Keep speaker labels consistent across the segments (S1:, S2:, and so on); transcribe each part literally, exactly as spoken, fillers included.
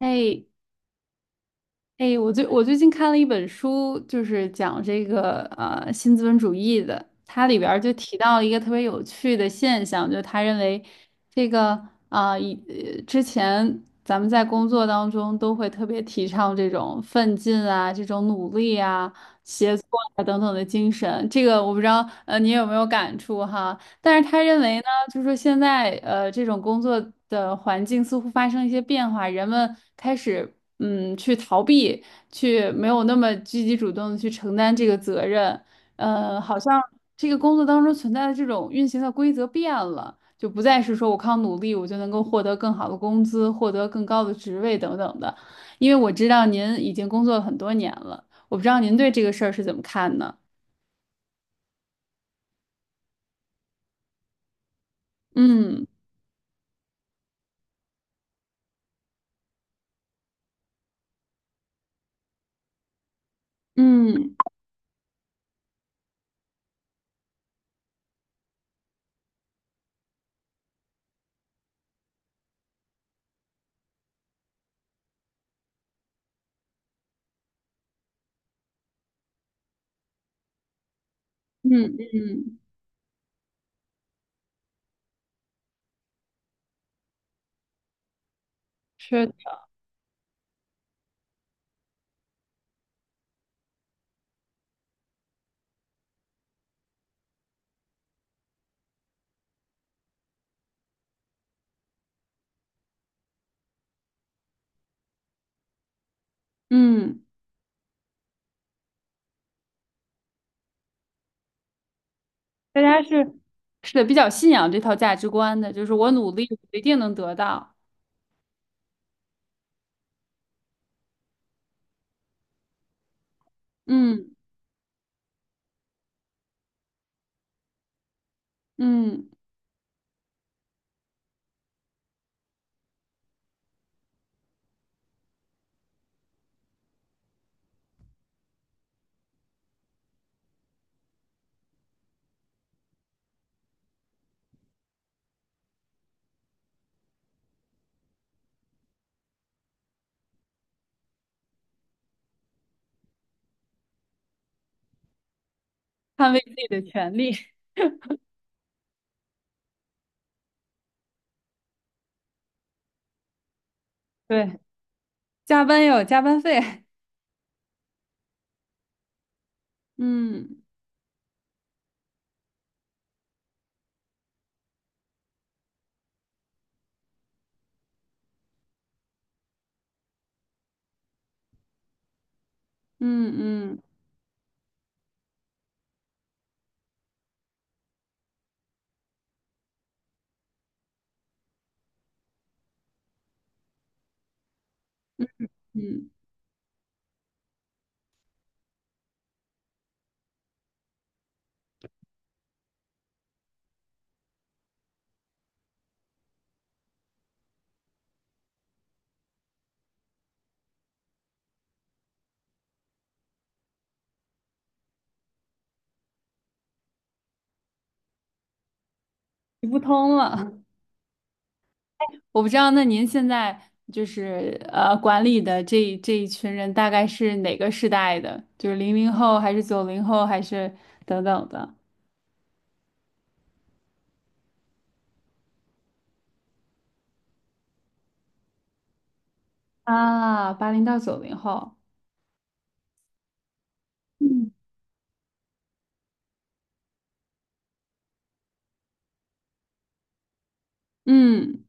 S1: 哎哎，我最我最近看了一本书，就是讲这个呃新资本主义的，它里边儿就提到了一个特别有趣的现象，就是他认为这个啊、以呃之前咱们在工作当中都会特别提倡这种奋进啊、这种努力啊、协作啊等等的精神，这个我不知道呃你有没有感触哈？但是他认为呢，就是说现在呃这种工作的环境似乎发生一些变化，人们开始嗯去逃避，去没有那么积极主动的去承担这个责任，呃，好像这个工作当中存在的这种运行的规则变了，就不再是说我靠努力我就能够获得更好的工资，获得更高的职位等等的。因为我知道您已经工作了很多年了，我不知道您对这个事儿是怎么看呢？嗯嗯嗯嗯，嗯是嗯，大家是是的，比较信仰这套价值观的，就是我努力，我一定能得到。嗯嗯，捍卫自己的权利，对，加班要有加班费。嗯嗯嗯嗯嗯，行不通了。我不知道，那您现在就是呃管理的这这一群人大概是哪个时代的？就是零零后还是九零后还是等等的？啊，八零到九零后。嗯嗯。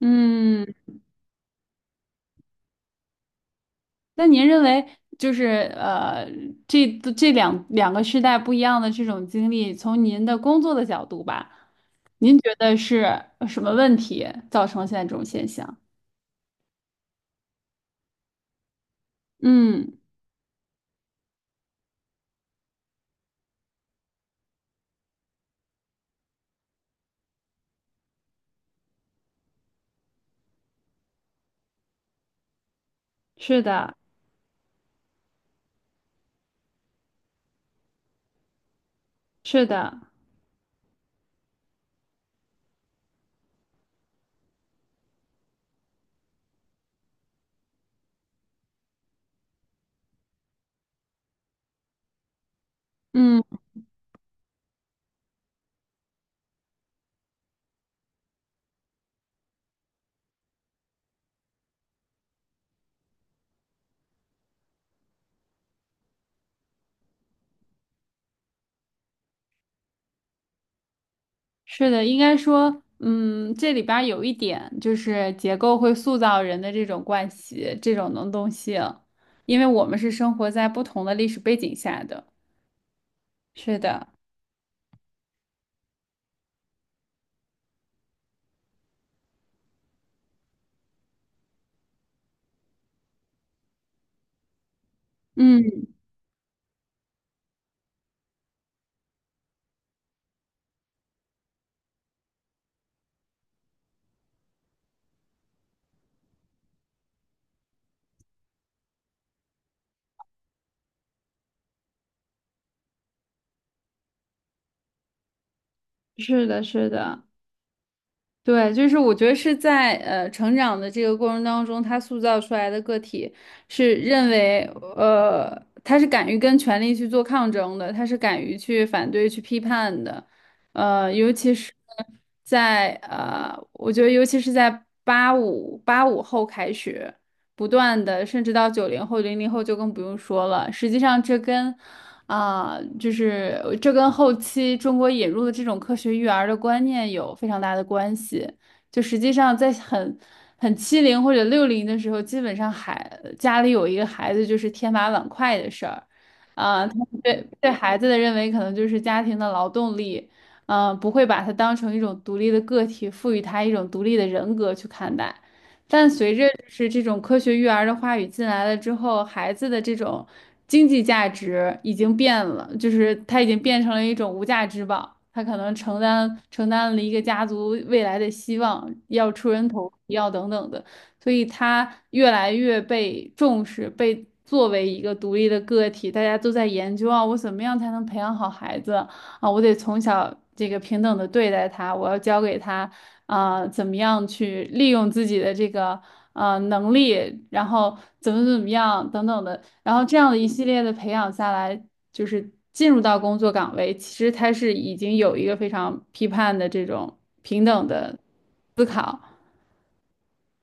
S1: 嗯，那您认为就是呃，这这两两个时代不一样的这种经历，从您的工作的角度吧，您觉得是呃什么问题造成了现在这种现象？嗯，是的，是的，嗯，是的，应该说，嗯，这里边儿有一点就是结构会塑造人的这种惯习，这种能动性，因为我们是生活在不同的历史背景下的。是的，嗯，是的，是的。对，就是我觉得是在呃成长的这个过程当中，他塑造出来的个体是认为，呃，他是敢于跟权力去做抗争的，他是敢于去反对、去批判的，呃，尤其是在呃，我觉得尤其是在八五八五后开始。不断的，甚至到九零后、零零后就更不用说了。实际上，这跟啊、就是这跟后期中国引入的这种科学育儿的观念有非常大的关系。就实际上，在很很七零或者六零的时候，基本上孩家里有一个孩子就是天马碗筷的事儿，啊、他们对对孩子的认为可能就是家庭的劳动力，嗯、不会把他当成一种独立的个体，赋予他一种独立的人格去看待。但随着就是这种科学育儿的话语进来了之后，孩子的这种经济价值已经变了，就是他已经变成了一种无价之宝，他可能承担承担了一个家族未来的希望，要出人头地，要等等的，所以他越来越被重视，被作为一个独立的个体，大家都在研究啊，我怎么样才能培养好孩子啊？我得从小这个平等的对待他，我要教给他。啊，怎么样去利用自己的这个呃能力，然后怎么怎么样等等的，然后这样的一系列的培养下来，就是进入到工作岗位，其实他是已经有一个非常批判的这种平等的。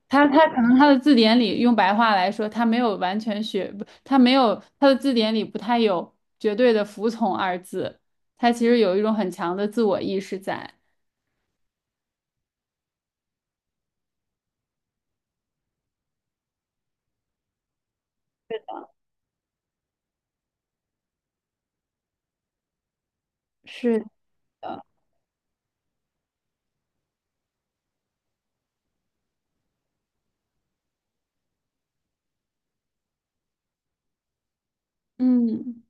S1: 他他可能他的字典里用白话来说，他没有完全学，不，他没有他的字典里不太有绝对的服从二字，他其实有一种很强的自我意识在。是的，嗯。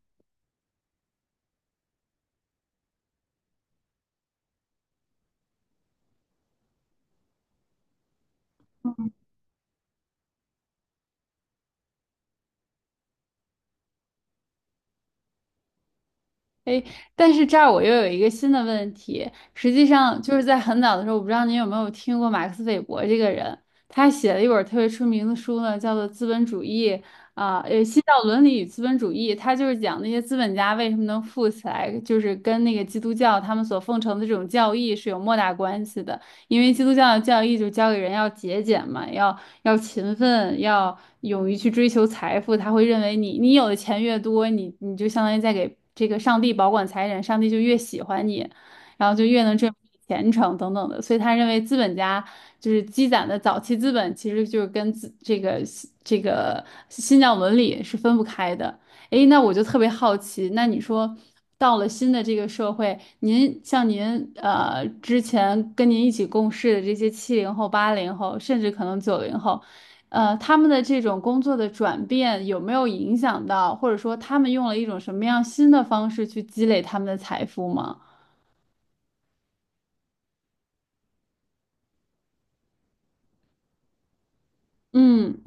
S1: 哎，但是这儿我又有一个新的问题，实际上就是在很早的时候，我不知道您有没有听过马克思韦伯这个人，他写了一本儿特别出名的书呢，叫做《资本主义》啊，呃，《新教伦理与资本主义》，他就是讲那些资本家为什么能富起来，就是跟那个基督教他们所奉承的这种教义是有莫大关系的，因为基督教的教义就教给人要节俭嘛，要要勤奋，要勇于去追求财富，他会认为你你有的钱越多，你你就相当于在给这个上帝保管财产，上帝就越喜欢你，然后就越能挣明你虔诚等等的。所以他认为资本家就是积攒的早期资本，其实就是跟自这个这个新教伦理是分不开的。诶，那我就特别好奇，那你说到了新的这个社会，您像您呃之前跟您一起共事的这些七零后、八零后，甚至可能九零后，呃，他们的这种工作的转变有没有影响到，或者说他们用了一种什么样新的方式去积累他们的财富吗？嗯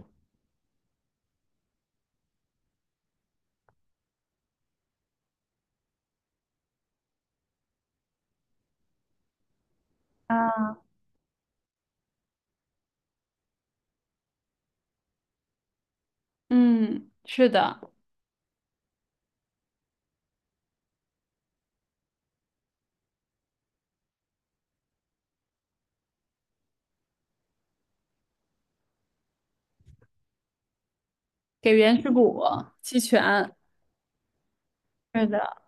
S1: 啊，嗯，是的，给原始股期权，是的，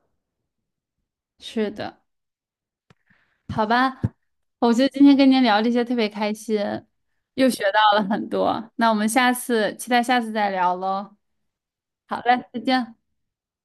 S1: 是的。好吧，我觉得今天跟您聊这些特别开心，又学到了很多。那我们下次期待下次再聊喽。好嘞，再见。